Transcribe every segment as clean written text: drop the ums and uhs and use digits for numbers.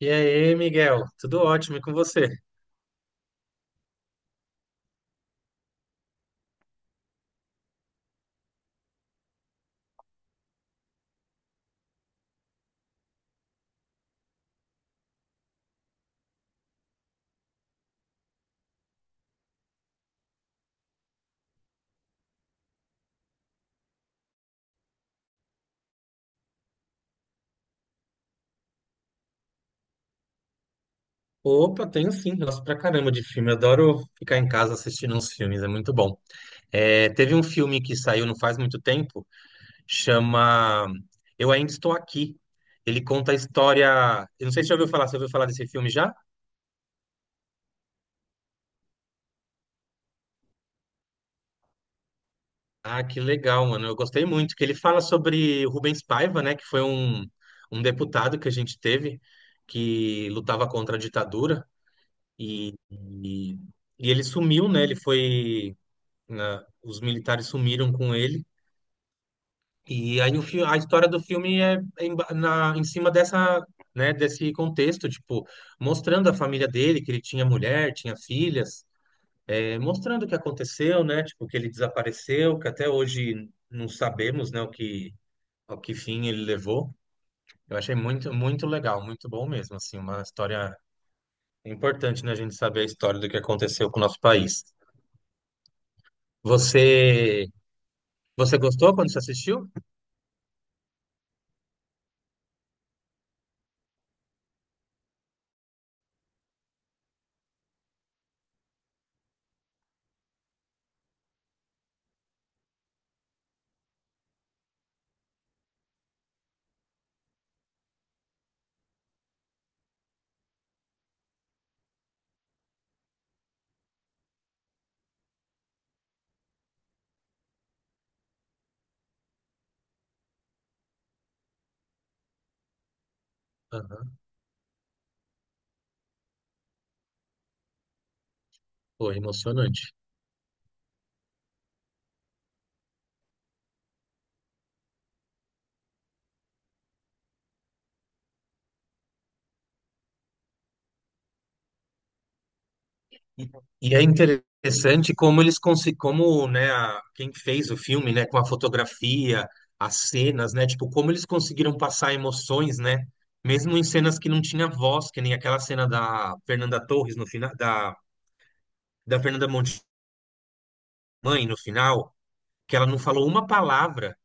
E aí, Miguel? Tudo ótimo e com você? Opa, tenho sim, gosto pra caramba de filme. Adoro ficar em casa assistindo uns filmes, é muito bom. É, teve um filme que saiu não faz muito tempo, chama Eu Ainda Estou Aqui. Ele conta a história. Eu não sei se você já ouviu falar, você ouviu falar desse filme já? Ah, que legal, mano. Eu gostei muito, que ele fala sobre o Rubens Paiva, né? Que foi um deputado que a gente teve que lutava contra a ditadura e, e, e ele sumiu, né? Ele foi, né? Os militares sumiram com ele. E aí a história do filme é em cima dessa, né, desse contexto, tipo, mostrando a família dele, que ele tinha mulher, tinha filhas, mostrando o que aconteceu, né, tipo, que ele desapareceu, que até hoje não sabemos, né, o que fim ele levou. Eu achei muito, muito legal, muito bom mesmo, assim, uma história importante, né, a gente saber a história do que aconteceu com o nosso país. Você, você gostou quando você assistiu? Aham. Foi emocionante. E, e é interessante como eles conseguem, como, né, quem fez o filme, né, com a fotografia, as cenas, né, tipo, como eles conseguiram passar emoções, né, mesmo em cenas que não tinha voz, que nem aquela cena da Fernanda Torres no final, da Fernanda Monte no final, que ela não falou uma palavra,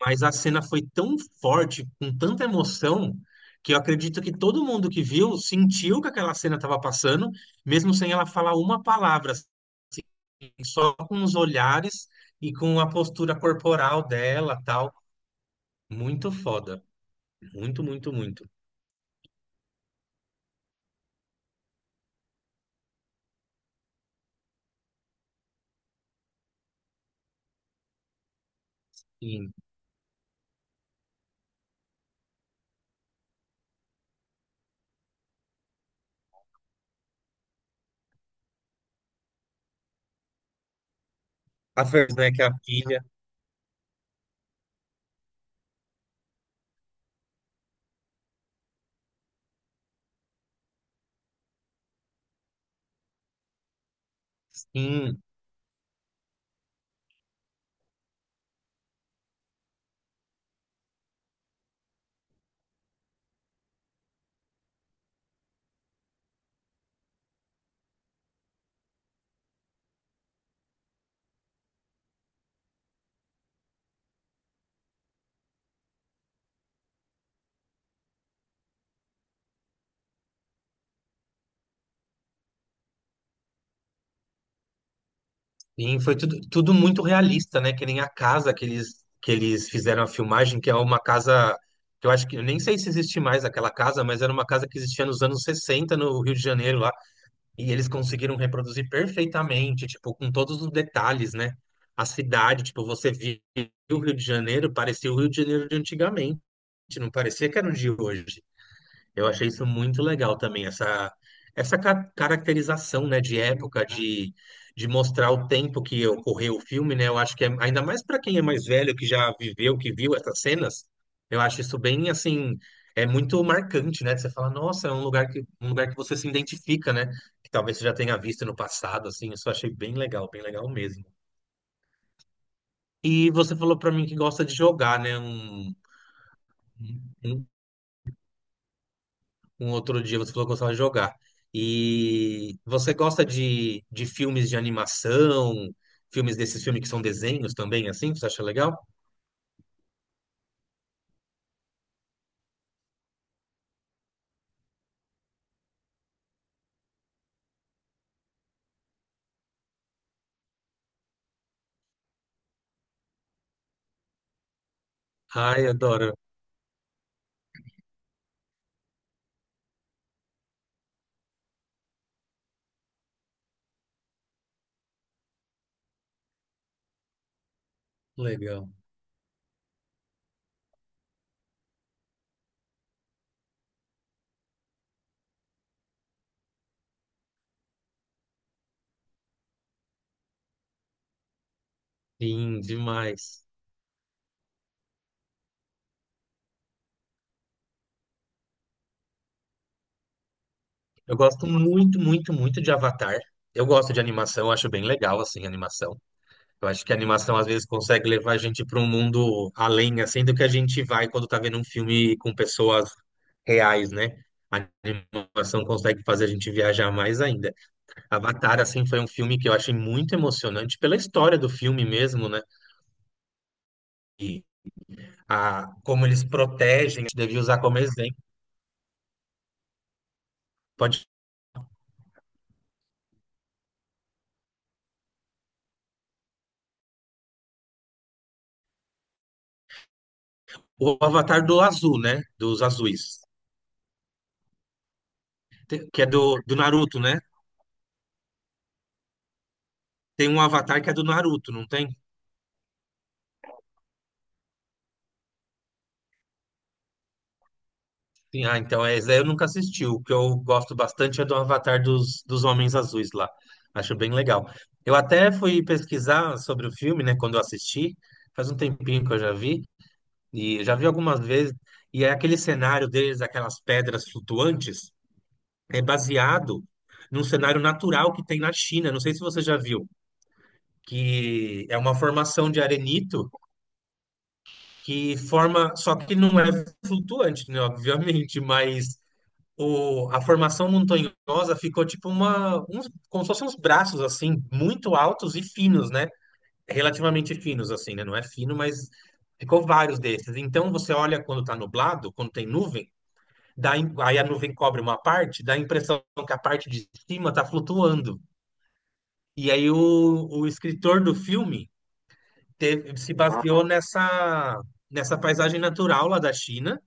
mas a cena foi tão forte, com tanta emoção, que eu acredito que todo mundo que viu sentiu que aquela cena estava passando, mesmo sem ela falar uma palavra, só com os olhares e com a postura corporal dela, tal. Muito foda. Muito, muito, muito. Sim. A Fernanda, que é a filha, sim, sim, foi tudo, tudo muito realista, né? Que nem a casa que eles fizeram a filmagem, que é uma casa que eu acho que eu nem sei se existe mais aquela casa, mas era uma casa que existia nos anos 60 no Rio de Janeiro, lá. E eles conseguiram reproduzir perfeitamente, tipo, com todos os detalhes, né? A cidade, tipo, você via o Rio de Janeiro, parecia o Rio de Janeiro de antigamente, não parecia que era o de hoje. Eu achei isso muito legal também, essa caracterização, né, de época, de mostrar o tempo que ocorreu o filme, né? Eu acho que é, ainda mais para quem é mais velho, que já viveu, que viu essas cenas, eu acho isso bem assim, é muito marcante, né? Você fala, nossa, é um lugar que você se identifica, né? Que talvez você já tenha visto no passado, assim, isso eu achei bem legal mesmo. E você falou para mim que gosta de jogar, né? Um um outro dia você falou que gostava de jogar. E você gosta de filmes de animação, filmes desses filmes que são desenhos também, assim? Você acha legal? Ai, adoro. Legal. Sim, demais. Eu gosto muito, muito, muito de Avatar. Eu gosto de animação, eu acho bem legal, assim, a animação. Eu acho que a animação às vezes consegue levar a gente para um mundo além, assim, do que a gente vai quando tá vendo um filme com pessoas reais, né? A animação consegue fazer a gente viajar mais ainda. Avatar, assim, foi um filme que eu achei muito emocionante pela história do filme mesmo, né? E como eles protegem, a gente devia usar como exemplo. Pode, o Avatar do Azul, né? Dos azuis. Que é do Naruto, né? Tem um Avatar que é do Naruto, não tem? Sim, ah, então é, esse aí eu nunca assisti. O que eu gosto bastante é do Avatar dos Homens Azuis lá. Acho bem legal. Eu até fui pesquisar sobre o filme, né? Quando eu assisti, faz um tempinho que eu já vi. E eu já vi algumas vezes, e é aquele cenário deles, aquelas pedras flutuantes, é baseado num cenário natural que tem na China. Não sei se você já viu, que é uma formação de arenito que forma, só que não é flutuante, né, obviamente, mas a formação montanhosa ficou tipo uns, como se fossem uns braços assim, muito altos e finos, né? Relativamente finos assim, né? Não é fino, mas ficou vários desses. Então você olha quando tá nublado, quando tem nuvem, aí a nuvem cobre uma parte, dá a impressão que a parte de cima está flutuando. E aí o escritor do filme se baseou nessa paisagem natural lá da China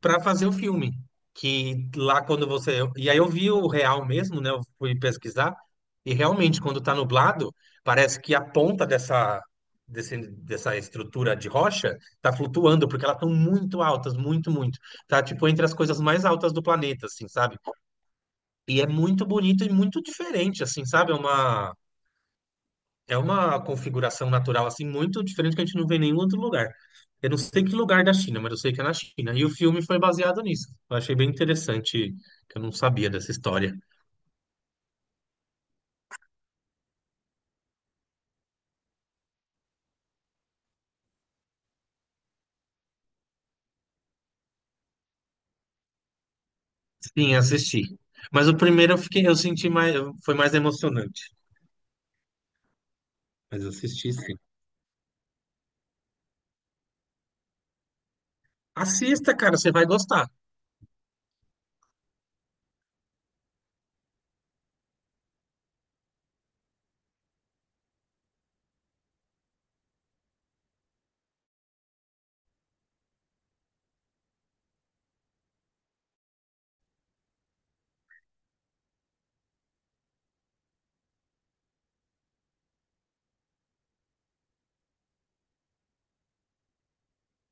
para fazer o filme. Que lá quando você. E aí eu vi o real mesmo, né? Eu fui pesquisar. E realmente, quando está nublado, parece que a ponta dessa estrutura de rocha está flutuando, porque elas estão muito altas, muito, muito. Tá tipo entre as coisas mais altas do planeta, assim, sabe? E é muito bonito e muito diferente, assim, sabe? É uma configuração natural, assim, muito diferente que a gente não vê em nenhum outro lugar. Eu não sei que lugar da China, mas eu sei que é na China. E o filme foi baseado nisso. Eu achei bem interessante, que eu não sabia dessa história. Sim, assisti. Mas o primeiro eu senti mais, foi mais emocionante. Mas eu assisti, sim. Assista, cara, você vai gostar.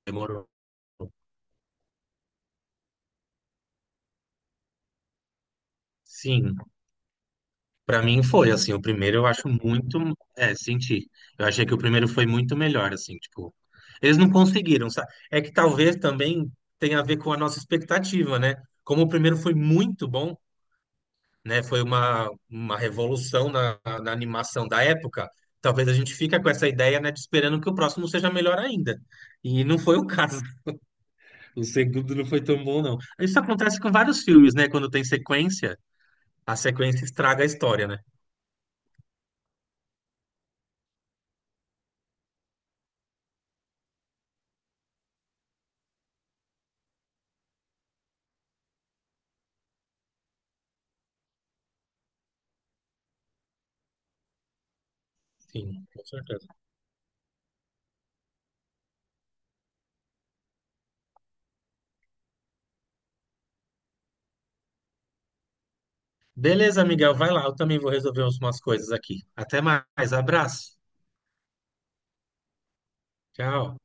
Demorou. Sim. Pra mim foi, assim, o primeiro eu acho muito, senti. Eu achei que o primeiro foi muito melhor, assim, tipo, eles não conseguiram, sabe? É que talvez também tenha a ver com a nossa expectativa, né? Como o primeiro foi muito bom, né? Foi uma revolução na animação da época, talvez a gente fica com essa ideia, né, de esperando que o próximo seja melhor ainda. E não foi o caso. O segundo não foi tão bom, não. Isso acontece com vários filmes, né? Quando tem sequência, a sequência estraga a história, né? Sim, com certeza. Beleza, Miguel, vai lá. Eu também vou resolver umas coisas aqui. Até mais. Abraço. Tchau.